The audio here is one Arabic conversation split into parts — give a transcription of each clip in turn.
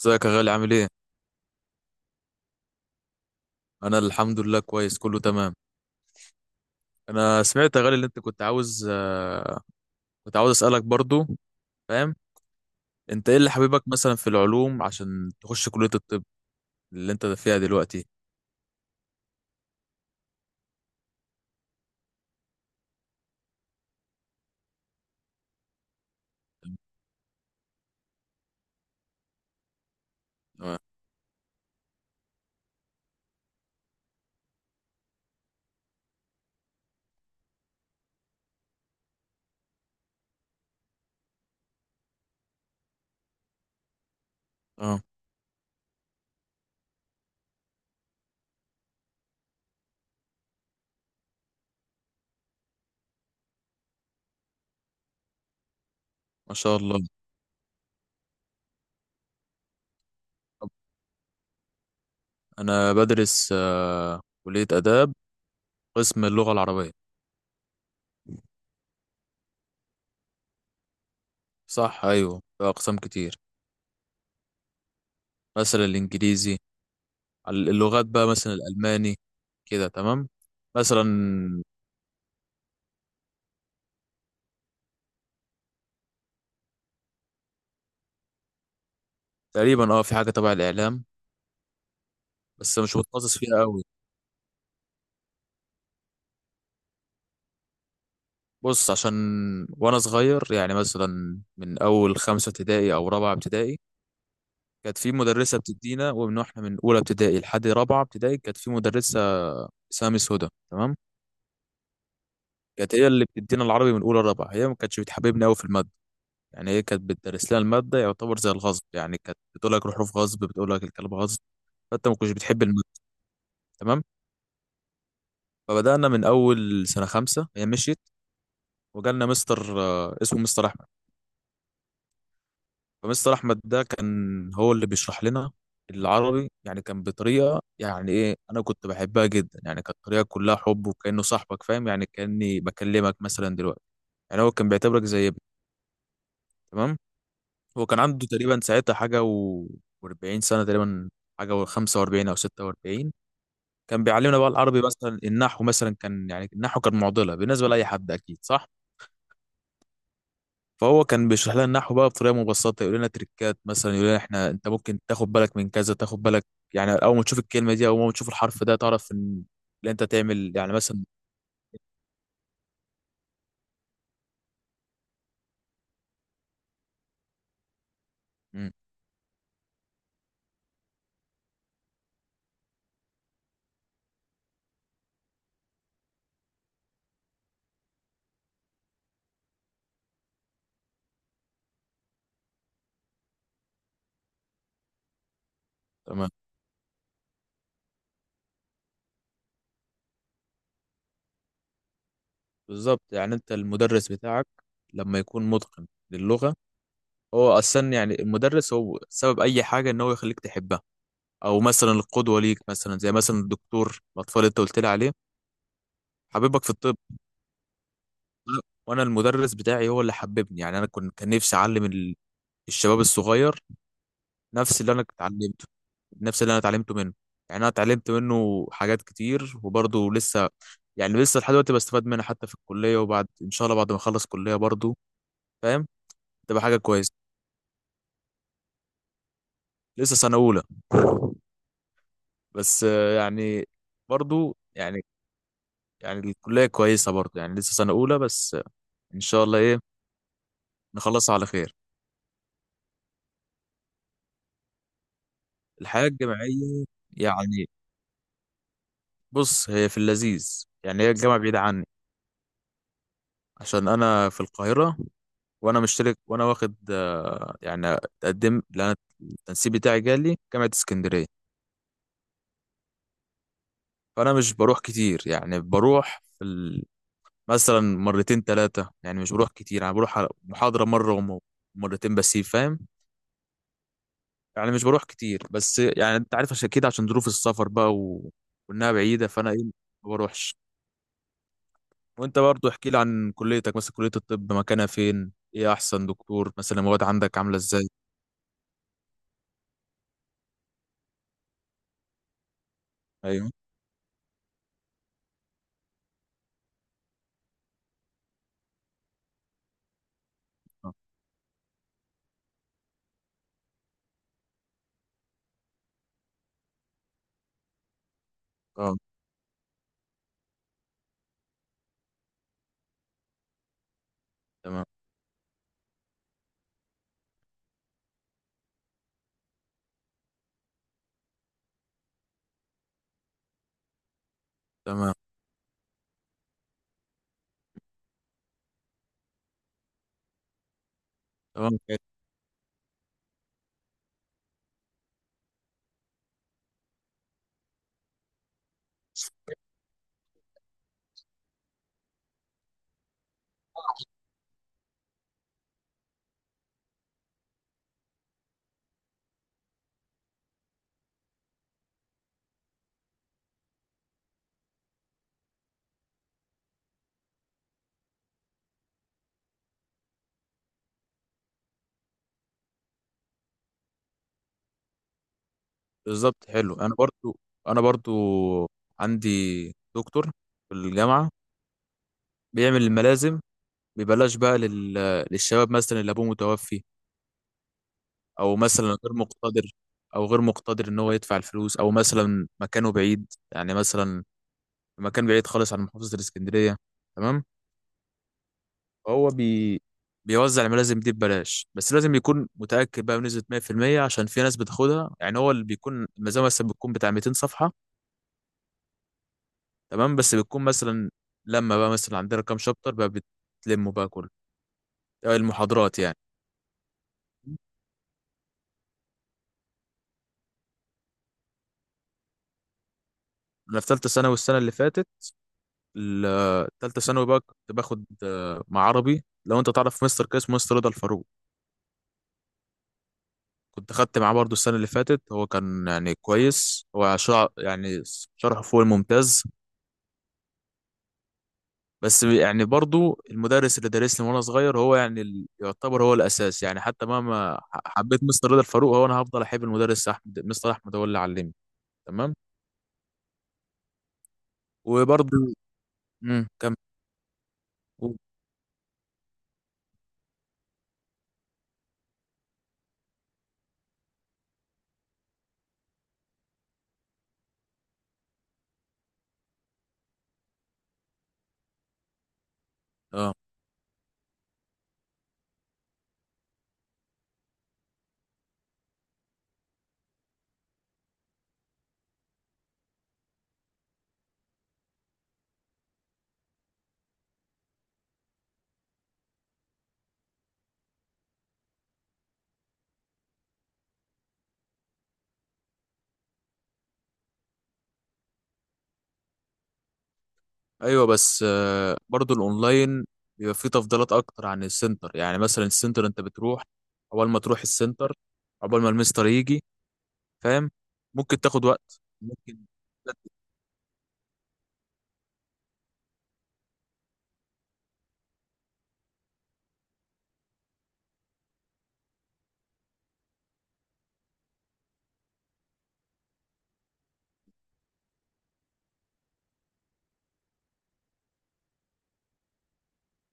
ازيك يا غالي، عامل ايه؟ انا الحمد لله كويس، كله تمام. انا سمعت يا غالي اللي انت كنت عاوز، كنت عاوز اسالك برضو. فاهم؟ انت ايه اللي حبيبك مثلا في العلوم عشان تخش كلية الطب اللي انت فيها دلوقتي؟ اه. آه. ما شاء الله. طب، انا بدرس كلية آداب، قسم اللغة العربية. صح، ايوه في اقسام كتير. مثلا الانجليزي، اللغات بقى، مثلا الالماني. كده تمام. مثلا. تقريبا اه في حاجة تبع الاعلام، بس مش متخصص فيها قوي. بص، عشان وانا صغير يعني مثلا من اول خمسة ابتدائي او رابعة ابتدائي، كانت في مدرسة بتدينا، ومن واحنا من اولى ابتدائي لحد رابعة ابتدائي كانت في مدرسة اسمها ميس هدى، تمام. كانت هي اللي بتدينا العربي من اولى لرابعة، هي ما كانتش بتحببنا قوي في المادة. يعني هي كانت بتدرس لنا المادة يعتبر زي الغصب، يعني كانت بتقول لك الحروف غصب، بتقول لك الكلام غصب. فانت ما كنتش بتحب المادة، تمام. فبدأنا من اول سنة خمسة هي مشيت، وجالنا مستر اسمه مستر احمد. فمستر احمد ده كان هو اللي بيشرح لنا العربي، يعني كان بطريقه يعني ايه، انا كنت بحبها جدا، يعني كانت طريقه كلها حب، وكانه صاحبك، فاهم؟ يعني كاني بكلمك مثلا دلوقتي. يعني هو كان بيعتبرك زي ابني، تمام. هو كان عنده تقريبا ساعتها حاجه و40 سنه تقريبا، حاجه و45 او 46. كان بيعلمنا بقى العربي مثلا النحو. مثلا كان يعني النحو كان معضله بالنسبه لاي حد اكيد، صح؟ فهو كان بيشرح لنا النحو بقى بطريقه مبسطه، يقول لنا تريكات، مثلا يقول لنا احنا انت ممكن تاخد بالك من كذا، تاخد بالك يعني اول ما تشوف الكلمه دي او اول ما تشوف الحرف ده تعرف ان اللي انت تعمل يعني مثلا. مم. تمام. بالظبط، يعني انت المدرس بتاعك لما يكون متقن للغه، هو اصلا يعني المدرس هو سبب اي حاجه ان هو يخليك تحبها، او مثلا القدوه ليك، مثلا زي مثلا الدكتور الاطفال اللي انت قلت لي عليه، حبيبك في الطب. وانا المدرس بتاعي هو اللي حببني، يعني انا كنت كان نفسي اعلم الشباب الصغير نفس اللي انا اتعلمته، نفس اللي انا اتعلمته منه. يعني انا اتعلمت منه حاجات كتير، وبرضه لسه يعني لسه لحد دلوقتي بستفاد منها حتى في الكلية، وبعد ان شاء الله بعد ما اخلص كلية برضه، فاهم؟ تبقى حاجة كويسة. لسه سنة اولى، بس يعني برضه يعني، يعني الكلية كويسة برضه، يعني لسه سنة اولى بس ان شاء الله ايه نخلصها على خير. الحياة الجامعية يعني، بص هي في اللذيذ، يعني هي الجامعة بعيدة عني عشان انا في القاهرة، وانا مشترك وانا واخد يعني اتقدم لأن التنسيق بتاعي جالي جامعة اسكندرية. فأنا مش بروح كتير، يعني بروح في ال... مثلا مرتين ثلاثة، يعني مش بروح كتير، يعني بروح على محاضرة مرة ومرتين بس، فاهم؟ يعني مش بروح كتير، بس يعني أنت عارف، عشان كده عشان ظروف السفر بقى و... وإنها بعيدة، فأنا إيه ما بروحش. وأنت برضو احكي لي عن كليتك، مثلا كلية الطب مكانها فين، إيه أحسن دكتور، مثلا المواد عندك عاملة إزاي؟ أيوه. أه. آه. تمام. تمام. تمام. بالظبط، حلو. انا برضو عندي دكتور في الجامعه بيعمل الملازم ببلاش بقى لل... للشباب، مثلا اللي ابوه متوفي، او مثلا غير مقتدر، او غير مقتدر ان هو يدفع الفلوس، او مثلا مكانه بعيد، يعني مثلا في مكان بعيد خالص عن محافظه الاسكندريه، تمام. فهو بي... بيوزع الملازم دي ببلاش، بس لازم يكون متاكد بقى بنسبه 100%، عشان في ناس بتاخدها. يعني هو اللي بيكون المزامه مثلا بتكون بتاع 200 صفحه، تمام. بس بتكون مثلا لما بقى مثلا عندنا كام شابتر بقى بتلموا بقى كله، المحاضرات يعني. انا في ثالثه ثانوي السنه اللي فاتت، ثالثه ثانوي بقى كنت باخد مع عربي، لو انت تعرف مستر كاس، مستر رضا الفاروق. كنت خدت معاه برضو السنه اللي فاتت، هو كان يعني كويس، هو شرح يعني شرحه فوق الممتاز. بس يعني برضو المدرس اللي دارسني وانا صغير هو يعني يعتبر هو الاساس، يعني حتى مهما حبيت مستر رضا الفاروق، هو انا هفضل احب المدرس احمد، مستر احمد هو اللي علمني. تمام. وبرضه كم. اه. ايوه بس برضه الاونلاين بيبقى فيه تفضيلات اكتر عن السنتر، يعني مثلا السنتر انت بتروح، اول ما تروح السنتر عقبال ما المستر يجي، فاهم؟ ممكن تاخد وقت، ممكن.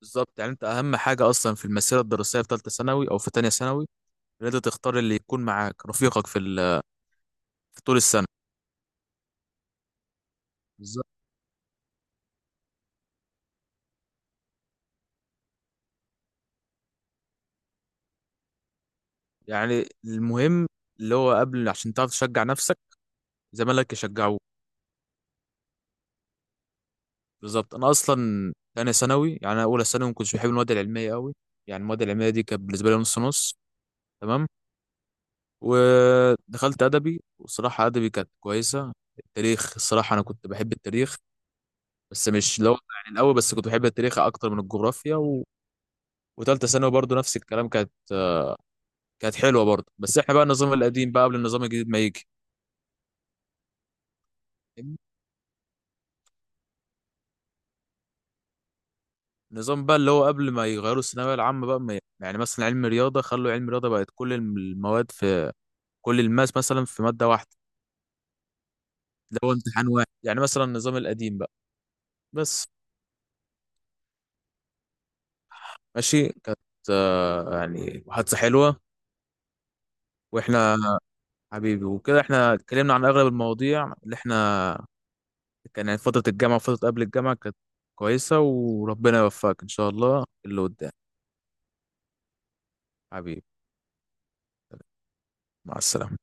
بالظبط، يعني انت اهم حاجه اصلا في المسيره الدراسيه في ثالثه ثانوي او في ثانيه ثانوي ان انت تختار اللي يكون معاك رفيقك في في طول السنه. بالظبط، يعني المهم اللي هو قبل، عشان تعرف تشجع نفسك زمالك يشجعوك. بالظبط. انا اصلا تانية ثانوي، يعني انا اولى ثانوي ما كنتش بحب المواد العلميه قوي، يعني المواد العلميه دي كانت بالنسبه لي نص نص، تمام. ودخلت ادبي، وصراحه ادبي كانت كويسه. التاريخ، الصراحه انا كنت بحب التاريخ، بس مش لو يعني الاول، بس كنت بحب التاريخ اكتر من الجغرافيا و... وتالتة ثانوي برضو نفس الكلام، كانت حلوه برضو، بس احنا بقى النظام القديم بقى قبل النظام الجديد ما يجي، فاهمني؟ النظام بقى اللي هو قبل ما يغيروا الثانويه العامه بقى ما يعني مثلا علم رياضه، خلوا علم رياضه بقت كل المواد في كل الماس مثلا في ماده واحده. ده هو امتحان واحد، يعني مثلا النظام القديم بقى بس. ماشي، كانت يعني محادثة حلوة. واحنا حبيبي وكده، احنا اتكلمنا عن اغلب المواضيع اللي احنا، كان يعني فترة الجامعة وفترة قبل الجامعة كانت كويسة، وربنا يوفقك ان شاء الله اللي قدام. حبيبي. مع السلامة.